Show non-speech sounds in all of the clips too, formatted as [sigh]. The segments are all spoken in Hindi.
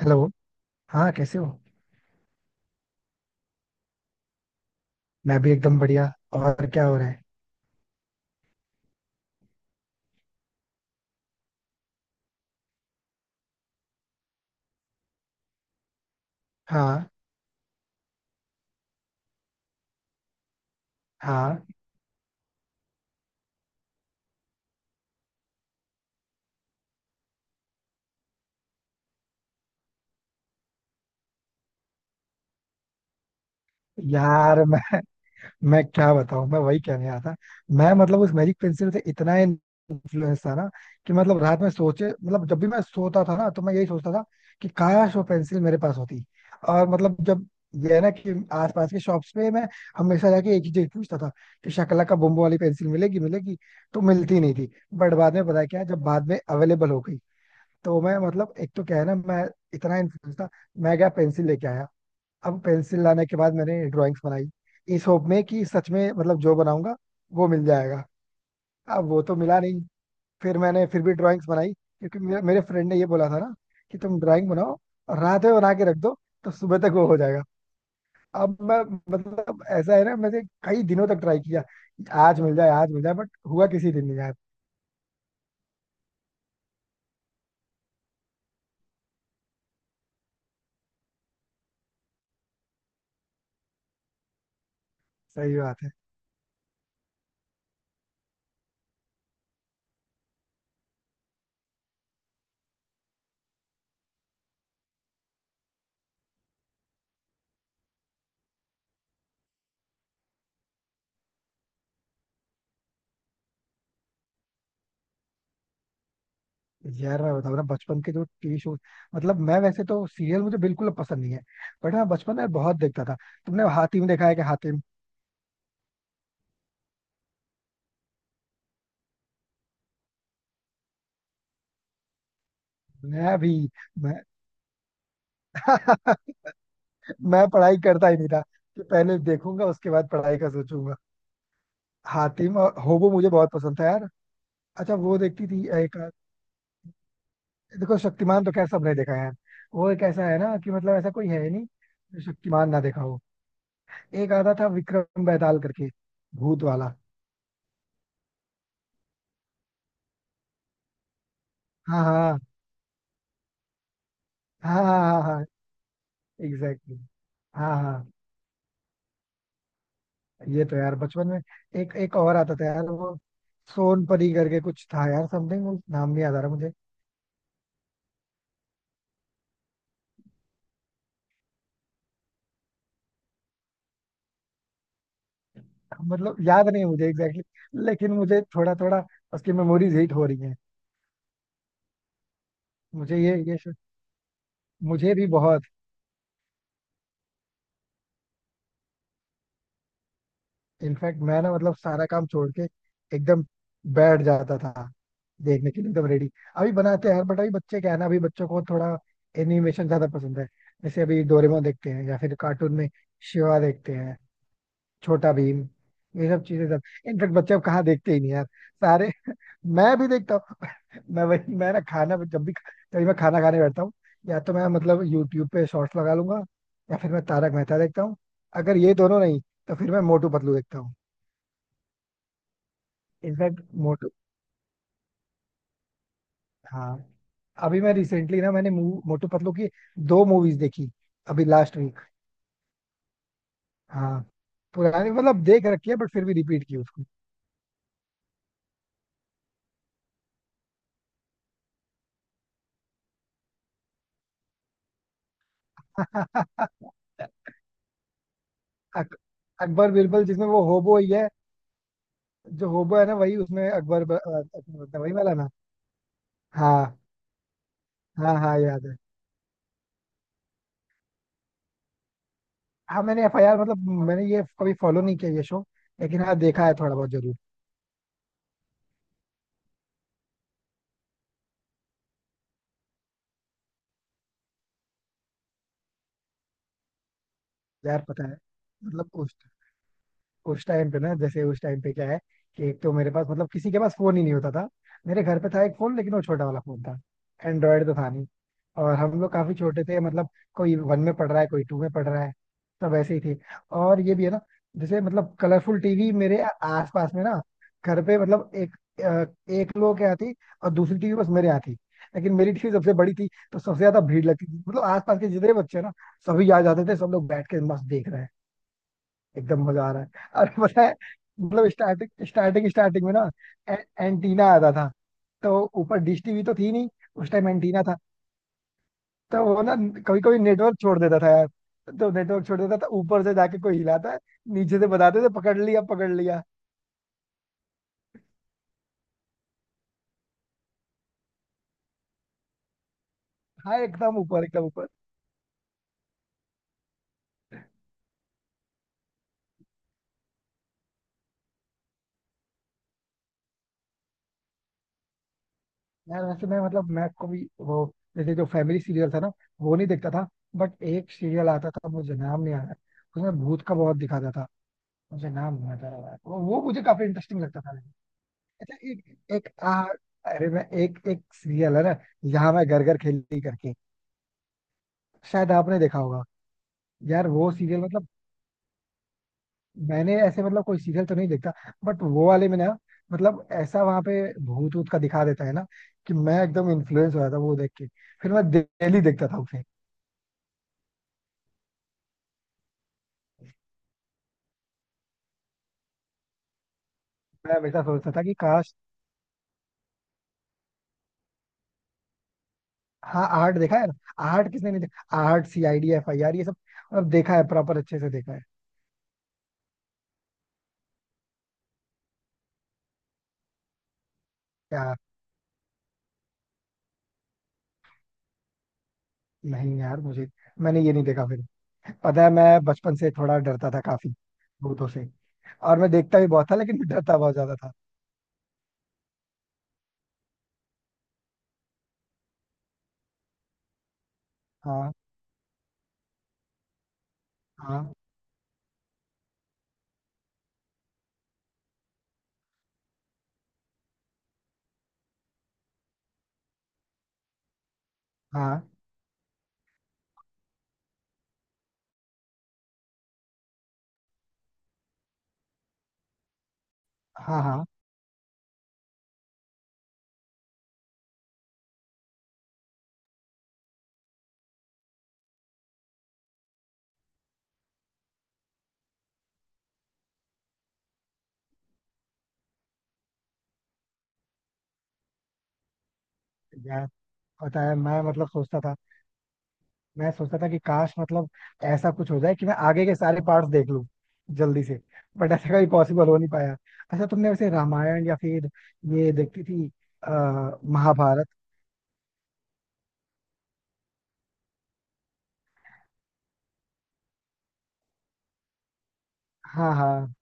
हेलो। हाँ, कैसे हो? मैं भी एकदम बढ़िया। और क्या हो रहा है? हाँ हाँ, यार मैं क्या बताऊँ, मैं वही कहने आया था। मैं मतलब उस मैजिक पेंसिल से इतना इन्फ्लुएंस था ना, कि मतलब रात में सोचे, मतलब जब भी मैं सोता था ना तो मैं यही सोचता था कि काश वो पेंसिल मेरे पास होती। और मतलब जब ये है ना, कि आसपास के शॉप्स पे मैं हमेशा जाके एक ही चीज पूछता था कि शकला का बुम्बो वाली पेंसिल मिलेगी मिलेगी। तो मिलती नहीं थी। बट बाद में पता है क्या, जब बाद में अवेलेबल हो गई, तो मैं मतलब एक तो क्या है ना, मैं इतना इन्फ्लुएंस था, मैं गया पेंसिल लेके आया। अब पेंसिल लाने के बाद मैंने ड्राइंग्स बनाई, इस होप में कि सच में मतलब जो बनाऊंगा वो मिल जाएगा। अब वो तो मिला नहीं। फिर मैंने फिर भी ड्राइंग्स बनाई क्योंकि मेरे फ्रेंड ने ये बोला था ना कि तुम ड्राइंग बनाओ और रात में बना के रख दो तो सुबह तक वो हो जाएगा। अब मैं मतलब ऐसा है ना, मैंने कई दिनों तक ट्राई किया, आज मिल जाए आज मिल जाए, बट हुआ किसी दिन नहीं यार। सही बात है। यार मैं बताऊँ ना, बचपन के जो टीवी शो, मतलब मैं वैसे तो सीरियल मुझे बिल्कुल पसंद नहीं है, बट मैं बचपन में बहुत देखता था। तुमने हातिम देखा है कि हातिम? मैं भी। मैं [laughs] मैं पढ़ाई करता ही नहीं था कि पहले देखूंगा उसके बाद पढ़ाई का सोचूंगा। हातिम और होबो मुझे बहुत पसंद था यार। अच्छा, वो देखती थी एक, देखो शक्तिमान तो खैर सबने देखा है, वो एक ऐसा है ना कि मतलब ऐसा कोई है ही नहीं जो शक्तिमान ना देखा हो। एक आता था विक्रम बेताल करके, भूत वाला। हाँ हाँ हाँ हाँ हाँ हाँ हाँ, हाँ, एग्जैक्टली exactly। हाँ हाँ। ये तो यार बचपन में, एक एक और आता था यार वो, सोनपरी करके कुछ था यार, समथिंग, नाम नहीं याद आ रहा मुझे। मतलब याद नहीं है मुझे एग्जैक्टली exactly, लेकिन मुझे थोड़ा थोड़ा उसकी मेमोरीज हिट हो रही हैं। मुझे ये श- मुझे भी बहुत। इनफैक्ट मैं ना मतलब सारा काम छोड़ के एकदम बैठ जाता था, देखने के लिए एकदम रेडी। अभी बनाते हैं यार, बट अभी बच्चे क्या है ना, अभी बच्चों को थोड़ा एनिमेशन ज्यादा पसंद है। जैसे अभी डोरेमोन देखते हैं या फिर कार्टून में शिवा देखते हैं, छोटा भीम, ये सब चीजें। सब इनफेक्ट बच्चे अब कहाँ देखते ही नहीं यार सारे [laughs] मैं भी देखता हूँ। [laughs] मैं वही मैं ना खाना जब भी मैं खाना खाने बैठता हूँ, या तो मैं मतलब यूट्यूब पे शॉर्ट्स लगा लूंगा, या फिर मैं तारक मेहता देखता हूँ। अगर ये दोनों नहीं तो फिर मैं मोटू पतलू देखता हूँ। इनफैक्ट मोटू हाँ, अभी मैं रिसेंटली ना, मैंने मोटू पतलू की दो मूवीज देखी, अभी लास्ट वीक। हाँ, पुरानी मतलब देख रखी है बट फिर भी रिपीट की उसको। [laughs] अक- अकबर बिरबल, जिसमें वो होबो ही है, जो होबो है ना वही उसमें अकबर अकबर बनता है वही वाला ना। हाँ हाँ हाँ, याद है। हाँ, मैंने FIR मतलब मैंने ये कभी फॉलो नहीं किया ये शो, लेकिन हाँ देखा है थोड़ा बहुत जरूर। यार पता है, मतलब उस टाइम पे ना, जैसे उस टाइम पे क्या है कि एक तो मेरे पास मतलब किसी के पास फोन ही नहीं होता था, मेरे घर पे था एक फोन लेकिन वो छोटा वाला फोन था, एंड्रॉयड तो था नहीं। और हम लोग काफी छोटे थे मतलब, कोई वन में पढ़ रहा है कोई टू में पढ़ रहा है, सब ऐसे ही थे। और ये भी है ना, जैसे मतलब कलरफुल टीवी मेरे आसपास में ना, घर पे मतलब अ, एक लोग के यहाँ थी, और दूसरी टीवी बस मेरे यहाँ थी। लेकिन मेरी टीवी सबसे बड़ी थी तो सबसे ज्यादा भीड़ लगती थी, मतलब आसपास के जितने बच्चे ना, सभी आ जाते थे, सब लोग बैठ के मस्त देख रहे हैं, एकदम मजा आ रहा है। और पता है, मतलब स्टार्टिंग स्टार्टिंग स्टार्टिंग में ना, एंटीना आता था, तो ऊपर डिश टीवी तो थी नहीं, उस टाइम एंटीना था। तो वो ना कभी कभी नेटवर्क छोड़ देता था यार, तो नेटवर्क छोड़ देता था तो ऊपर से जाके कोई हिलाता है, नीचे से बताते थे पकड़ लिया पकड़ लिया। हाँ एकदम ऊपर एकदम ऊपर। यार वैसे मैं मतलब मैं को भी वो, जैसे जो फैमिली सीरियल था ना वो नहीं देखता था, बट एक सीरियल आता था, मुझे नाम नहीं आ रहा है, उसमें भूत का बहुत दिखाता था, मुझे नाम नहीं आता रहा है। वो मुझे काफी इंटरेस्टिंग लगता था। अच्छा, एक एक आ, अरे मैं, एक एक सीरियल है ना, यहाँ मैं घर घर खेली करके, शायद आपने देखा होगा। यार वो सीरियल मतलब, मैंने ऐसे मतलब कोई सीरियल तो नहीं देखता, बट वो वाले में ना, मतलब ऐसा वहां पे भूत ऊत का दिखा देता है ना कि मैं एकदम इन्फ्लुएंस हो जाता वो देख के, फिर मैं डेली देखता था उसे। मैं हमेशा सोचता था कि काश। हाँ आर्ट देखा है ना, आर्ट किसने नहीं देखा, आर्ट CID FIR ये सब, मतलब देखा है प्रॉपर अच्छे से देखा है। यार, नहीं यार मुझे, मैंने ये नहीं देखा फिर। पता है, मैं बचपन से थोड़ा डरता था काफी भूतों से, और मैं देखता भी बहुत था लेकिन मैं डरता बहुत ज्यादा था। हाँ हाँ हाँ हाँ हाँ। यार पता है, मैं मतलब सोचता था, मैं सोचता था कि काश, मतलब ऐसा कुछ हो जाए कि मैं आगे के सारे पार्ट्स देख लूं जल्दी से, बट ऐसा कभी पॉसिबल हो नहीं पाया। अच्छा, तुमने वैसे रामायण या फिर ये देखती थी, अ, महाभारत? हाँ हाँ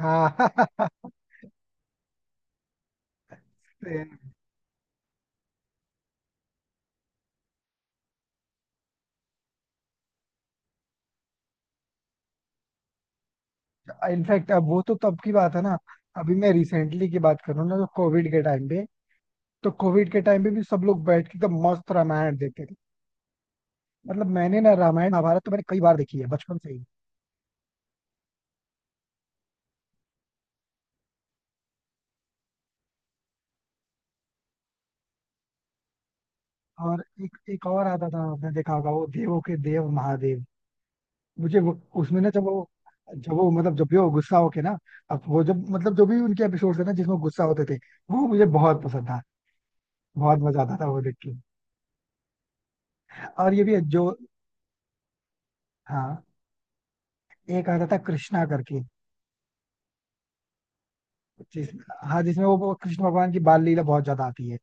हाँ। [laughs] इनफैक्ट अब वो तो तब की बात है ना। अभी मैं रिसेंटली की बात करूँ ना, तो कोविड के टाइम पे, तो कोविड के टाइम पे भी सब लोग बैठ के एकदम मस्त रामायण देखते थे। मतलब मैंने ना रामायण महाभारत तो मैंने कई बार देखी है बचपन से ही। और एक एक और आता था, आपने देखा होगा, वो देवों के देव महादेव। मुझे वो, उसमें ना जब वो मतलब जब भी वो गुस्सा होके ना, अब वो जब मतलब जो भी उनके एपिसोड थे ना जिसमें गुस्सा होते थे, वो मुझे बहुत पसंद था, बहुत मजा आता था वो देख के। और ये भी है, जो, हाँ, एक आता था कृष्णा करके, जिस हाँ जिसमें वो कृष्ण भगवान की बाल लीला बहुत ज्यादा आती है।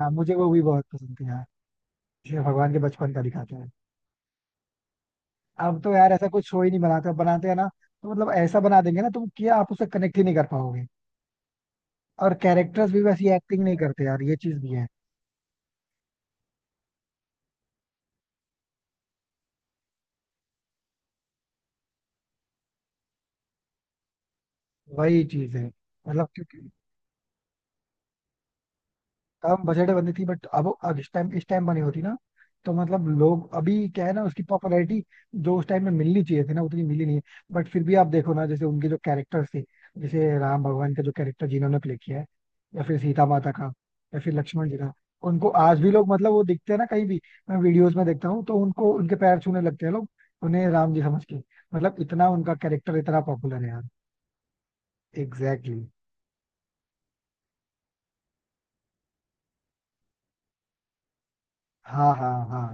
हाँ मुझे वो भी बहुत पसंद थी। हाँ, ये भगवान के बचपन का दिखाते हैं। अब तो यार ऐसा कुछ शो ही नहीं बनाते, अब बनाते हैं ना तो मतलब ऐसा बना देंगे ना, तुम किया आप उससे कनेक्ट ही नहीं कर पाओगे। और कैरेक्टर्स भी वैसी एक्टिंग नहीं करते यार, ये चीज भी है। वही चीज है मतलब, क्योंकि कम बजट में बनी थी, बट अब इस टाइम बनी होती ना, तो मतलब लोग अभी क्या है ना, उसकी पॉपुलैरिटी जो उस टाइम में मिलनी चाहिए थी ना उतनी मिली नहीं, बट फिर भी आप देखो ना, जैसे उनके जो कैरेक्टर्स थे, जैसे राम भगवान का जो कैरेक्टर जिन्होंने प्ले किया है, या फिर सीता माता का, या फिर लक्ष्मण जी का, उनको आज भी लोग मतलब वो दिखते हैं ना कहीं भी, मैं वीडियोस में देखता हूँ तो उनको उनके पैर छूने लगते हैं लोग, उन्हें राम जी समझ के, मतलब इतना उनका कैरेक्टर इतना पॉपुलर है यार। Exactly exactly। हाँ हाँ हाँ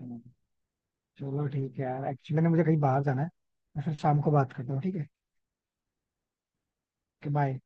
हाँ। चलो ठीक है यार, एक्चुअली ना मुझे कहीं बाहर जाना है, मैं फिर शाम को बात करता हूँ, ठीक है? Okay bye.